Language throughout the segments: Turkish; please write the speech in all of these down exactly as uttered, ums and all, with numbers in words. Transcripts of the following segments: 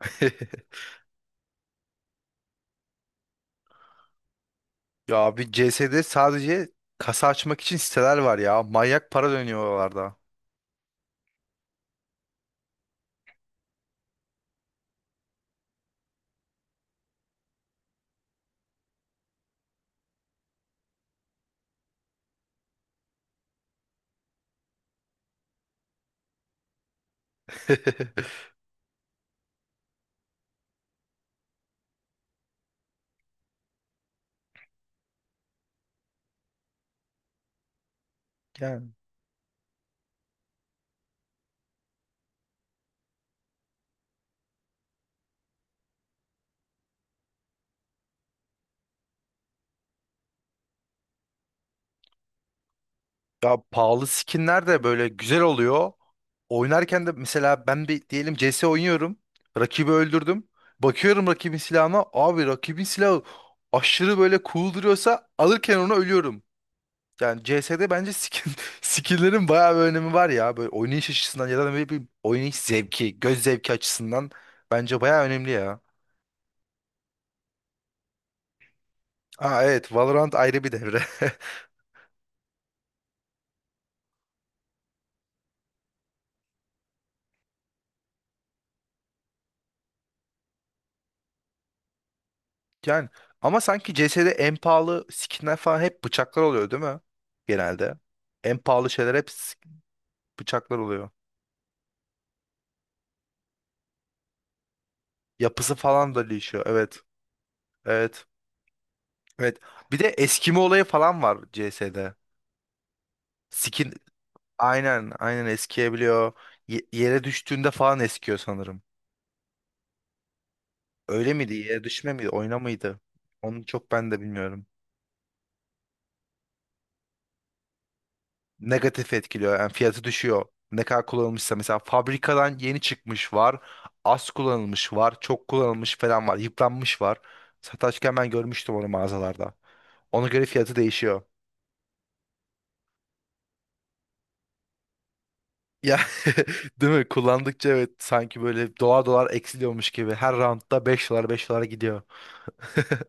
Ya abi, C S'de sadece kasa açmak için siteler var ya. Manyak para dönüyor oralarda. Yani. Ya, pahalı skinler de böyle güzel oluyor. Oynarken de mesela ben bir diyelim C S oynuyorum. Rakibi öldürdüm. Bakıyorum rakibin silahına. Abi, rakibin silahı aşırı böyle cool duruyorsa alırken onu ölüyorum. Yani C S'de bence skin, skinlerin bayağı bir önemi var ya. Böyle oynayış açısından ya da böyle bir oynayış zevki, göz zevki açısından bence bayağı önemli ya. Aa, evet, Valorant ayrı bir devre. Yani ama sanki C S'de en pahalı skinler falan hep bıçaklar oluyor, değil mi? Genelde. En pahalı şeyler hep s- bıçaklar oluyor. Yapısı falan da değişiyor. Evet. Evet. Evet. Bir de eskime olayı falan var C S'de. Skin aynen, aynen eskiyebiliyor. Ye- yere düştüğünde falan eskiyor sanırım. Öyle miydi? Yere düşme miydi? Oyna mıydı? Onu çok ben de bilmiyorum. Negatif etkiliyor. Yani fiyatı düşüyor. Ne kadar kullanılmışsa mesela fabrikadan yeni çıkmış var. Az kullanılmış var. Çok kullanılmış falan var. Yıpranmış var. Satarken ben görmüştüm onu mağazalarda. Ona göre fiyatı değişiyor. Ya, değil mi? Kullandıkça, evet, sanki böyle dolar dolar eksiliyormuş gibi. Her roundda beş dolar, beş dolara gidiyor.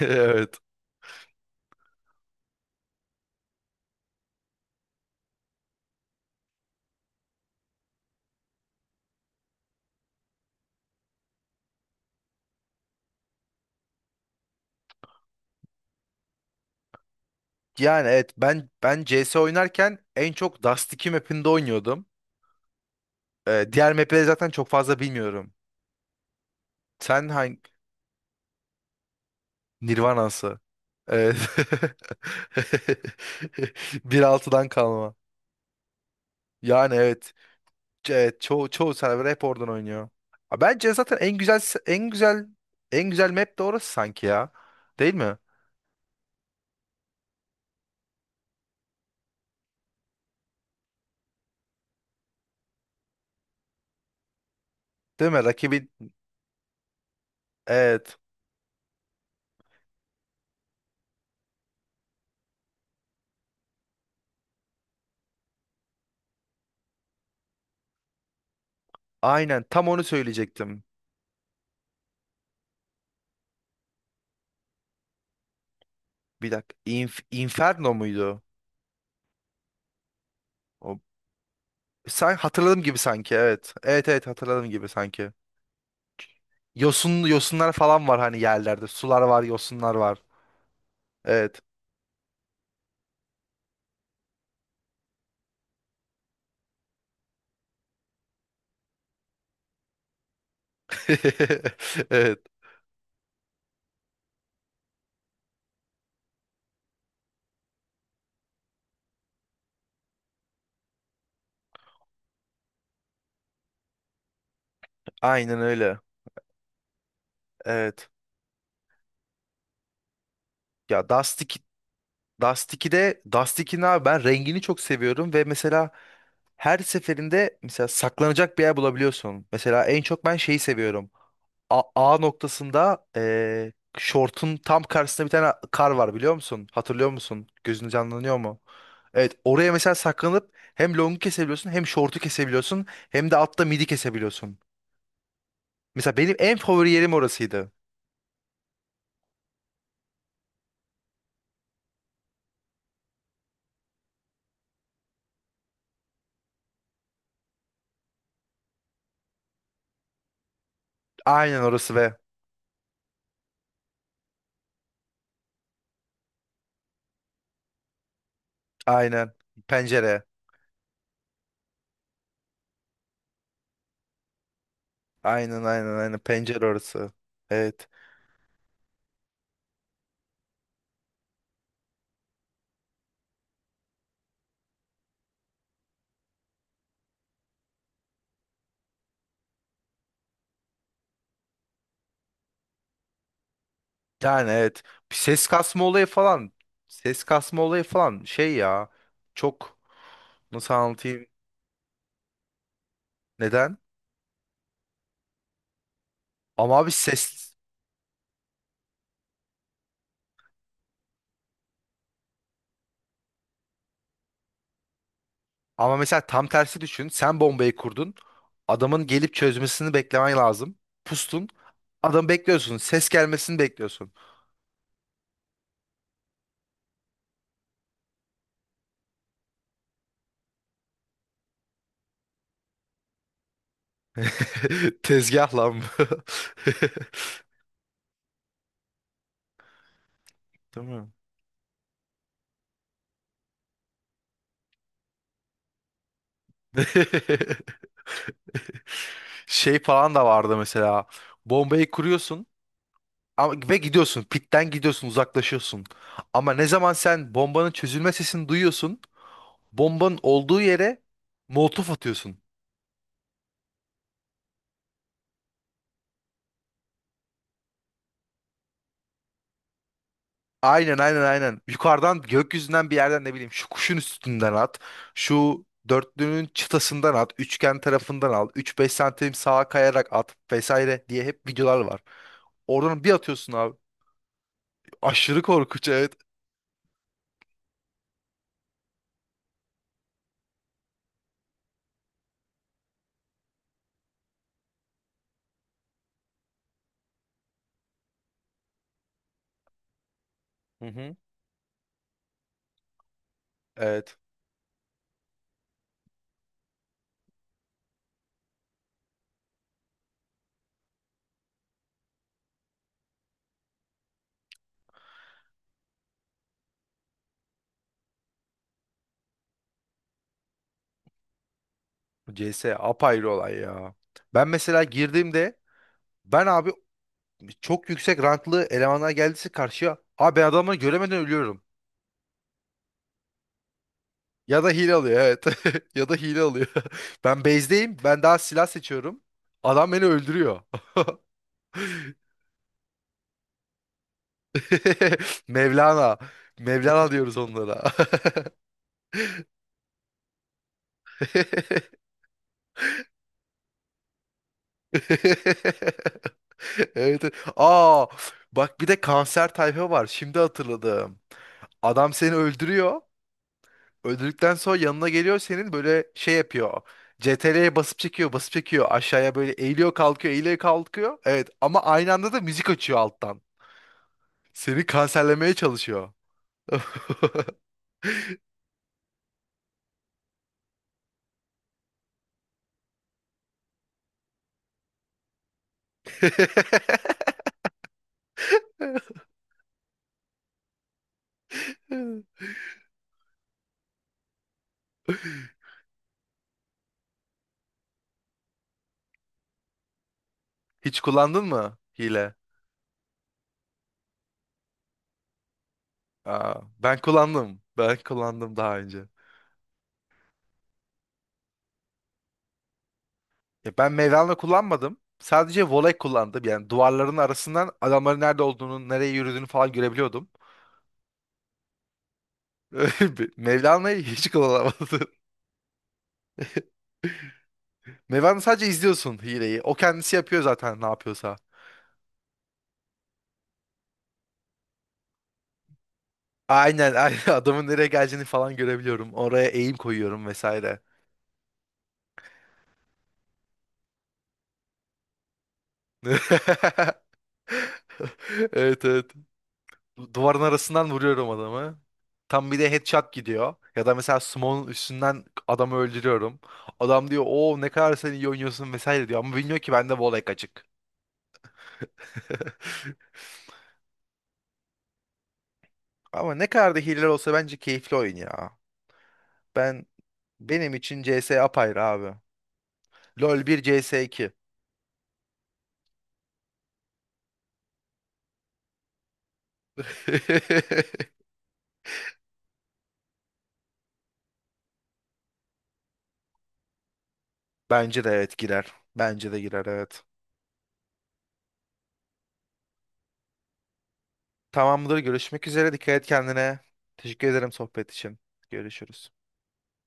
Evet. Yani, evet, ben ben C S oynarken en çok Dust iki map'inde oynuyordum. Ee, diğer map'leri zaten çok fazla bilmiyorum. Sen hangi Nirvana'sı. Evet. Bir altıdan kalma. Yani, evet. Evet, çoğu çoğu server hep oradan oynuyor. Ha, bence zaten en güzel en güzel en güzel map de orası sanki ya. Değil mi? Değil mi? Rakibi, evet. Aynen, tam onu söyleyecektim. Bir dakika. İnf- Inferno muydu? O, san- hatırladığım gibi sanki, evet. Evet, evet, hatırladığım gibi sanki. Yosun yosunlar falan var hani yerlerde. Sular var, yosunlar var. Evet. Evet. Aynen öyle. Evet. Ya, Dust iki, Dust ikide Dust ikinin abi, ben rengini çok seviyorum ve mesela her seferinde mesela saklanacak bir yer bulabiliyorsun. Mesela en çok ben şeyi seviyorum. A, A noktasında, eee şortun tam karşısında bir tane kar var, biliyor musun? Hatırlıyor musun? Gözün canlanıyor mu? Evet, oraya mesela saklanıp hem longu kesebiliyorsun hem şortu kesebiliyorsun hem de altta midi kesebiliyorsun. Mesela benim en favori yerim orasıydı. Aynen orası, ve aynen pencere. Aynen, aynen, aynen, pencere orası. Evet. Yani, evet. Bir ses kasma olayı falan. Ses kasma olayı falan şey ya. Çok, nasıl anlatayım? Neden? Ama abi, ses. Ama mesela tam tersi düşün. Sen bombayı kurdun. Adamın gelip çözmesini beklemen lazım. Pustun. Adam bekliyorsun. Ses gelmesini bekliyorsun. Tezgah lan bu. Değil mi? Şey falan da vardı mesela. Bombayı kuruyorsun. Ama ve gidiyorsun. Pitten gidiyorsun, uzaklaşıyorsun. Ama ne zaman sen bombanın çözülme sesini duyuyorsun, bombanın olduğu yere molotof atıyorsun. Aynen, aynen, aynen. Yukarıdan, gökyüzünden bir yerden ne bileyim, şu kuşun üstünden at. Şu dörtlünün çıtasından at. Üçgen tarafından al. Üç beş santim sağa kayarak at vesaire diye hep videolar var. Oradan bir atıyorsun abi. Aşırı korkunç, evet. Hı hı. Evet. C S apayrı olay ya. Ben mesela girdiğimde, ben abi, çok yüksek ranklı elemanlar geldiyse karşıya, abi, ben adamları göremeden ölüyorum. Ya da hile alıyor, evet. Ya da hile alıyor. Ben base'deyim. Ben daha silah seçiyorum. Adam beni öldürüyor. Mevlana. Mevlana diyoruz onlara. Evet, evet. Aa, bak, bir de kanser tayfa var. Şimdi hatırladım. Adam seni öldürüyor. Öldürdükten sonra yanına geliyor, senin böyle şey yapıyor. C T R L'ye basıp çekiyor, basıp çekiyor. Aşağıya böyle eğiliyor, kalkıyor, eğiliyor, kalkıyor. Evet, ama aynı anda da müzik açıyor alttan. Seni kanserlemeye çalışıyor. Hiç kullandın mı hile? Aa, ben kullandım. Ben kullandım daha önce. Ya, ben Mevlana kullanmadım. Sadece voley kullandım. Yani duvarların arasından adamların nerede olduğunu, nereye yürüdüğünü falan görebiliyordum. Mevlana'yı hiç kullanamadım. Mevlana, sadece izliyorsun hileyi. O kendisi yapıyor zaten, ne yapıyorsa. Aynen, aynen. Adamın nereye geleceğini falan görebiliyorum. Oraya eğim koyuyorum vesaire. Evet, evet. Duvarın arasından vuruyorum adamı. Tam bir de headshot gidiyor. Ya da mesela smoke'un üstünden adamı öldürüyorum. Adam diyor, "O ne kadar sen iyi oynuyorsun" vesaire diyor. Ama bilmiyor ki bende Volek açık. Ama ne kadar da hiller olsa bence keyifli oyun ya. Ben benim için C S apayrı abi. LoL bir, CS iki. Bence de, evet, girer. Bence de girer, evet. Tamamdır, görüşmek üzere. Dikkat et kendine. Teşekkür ederim sohbet için. Görüşürüz.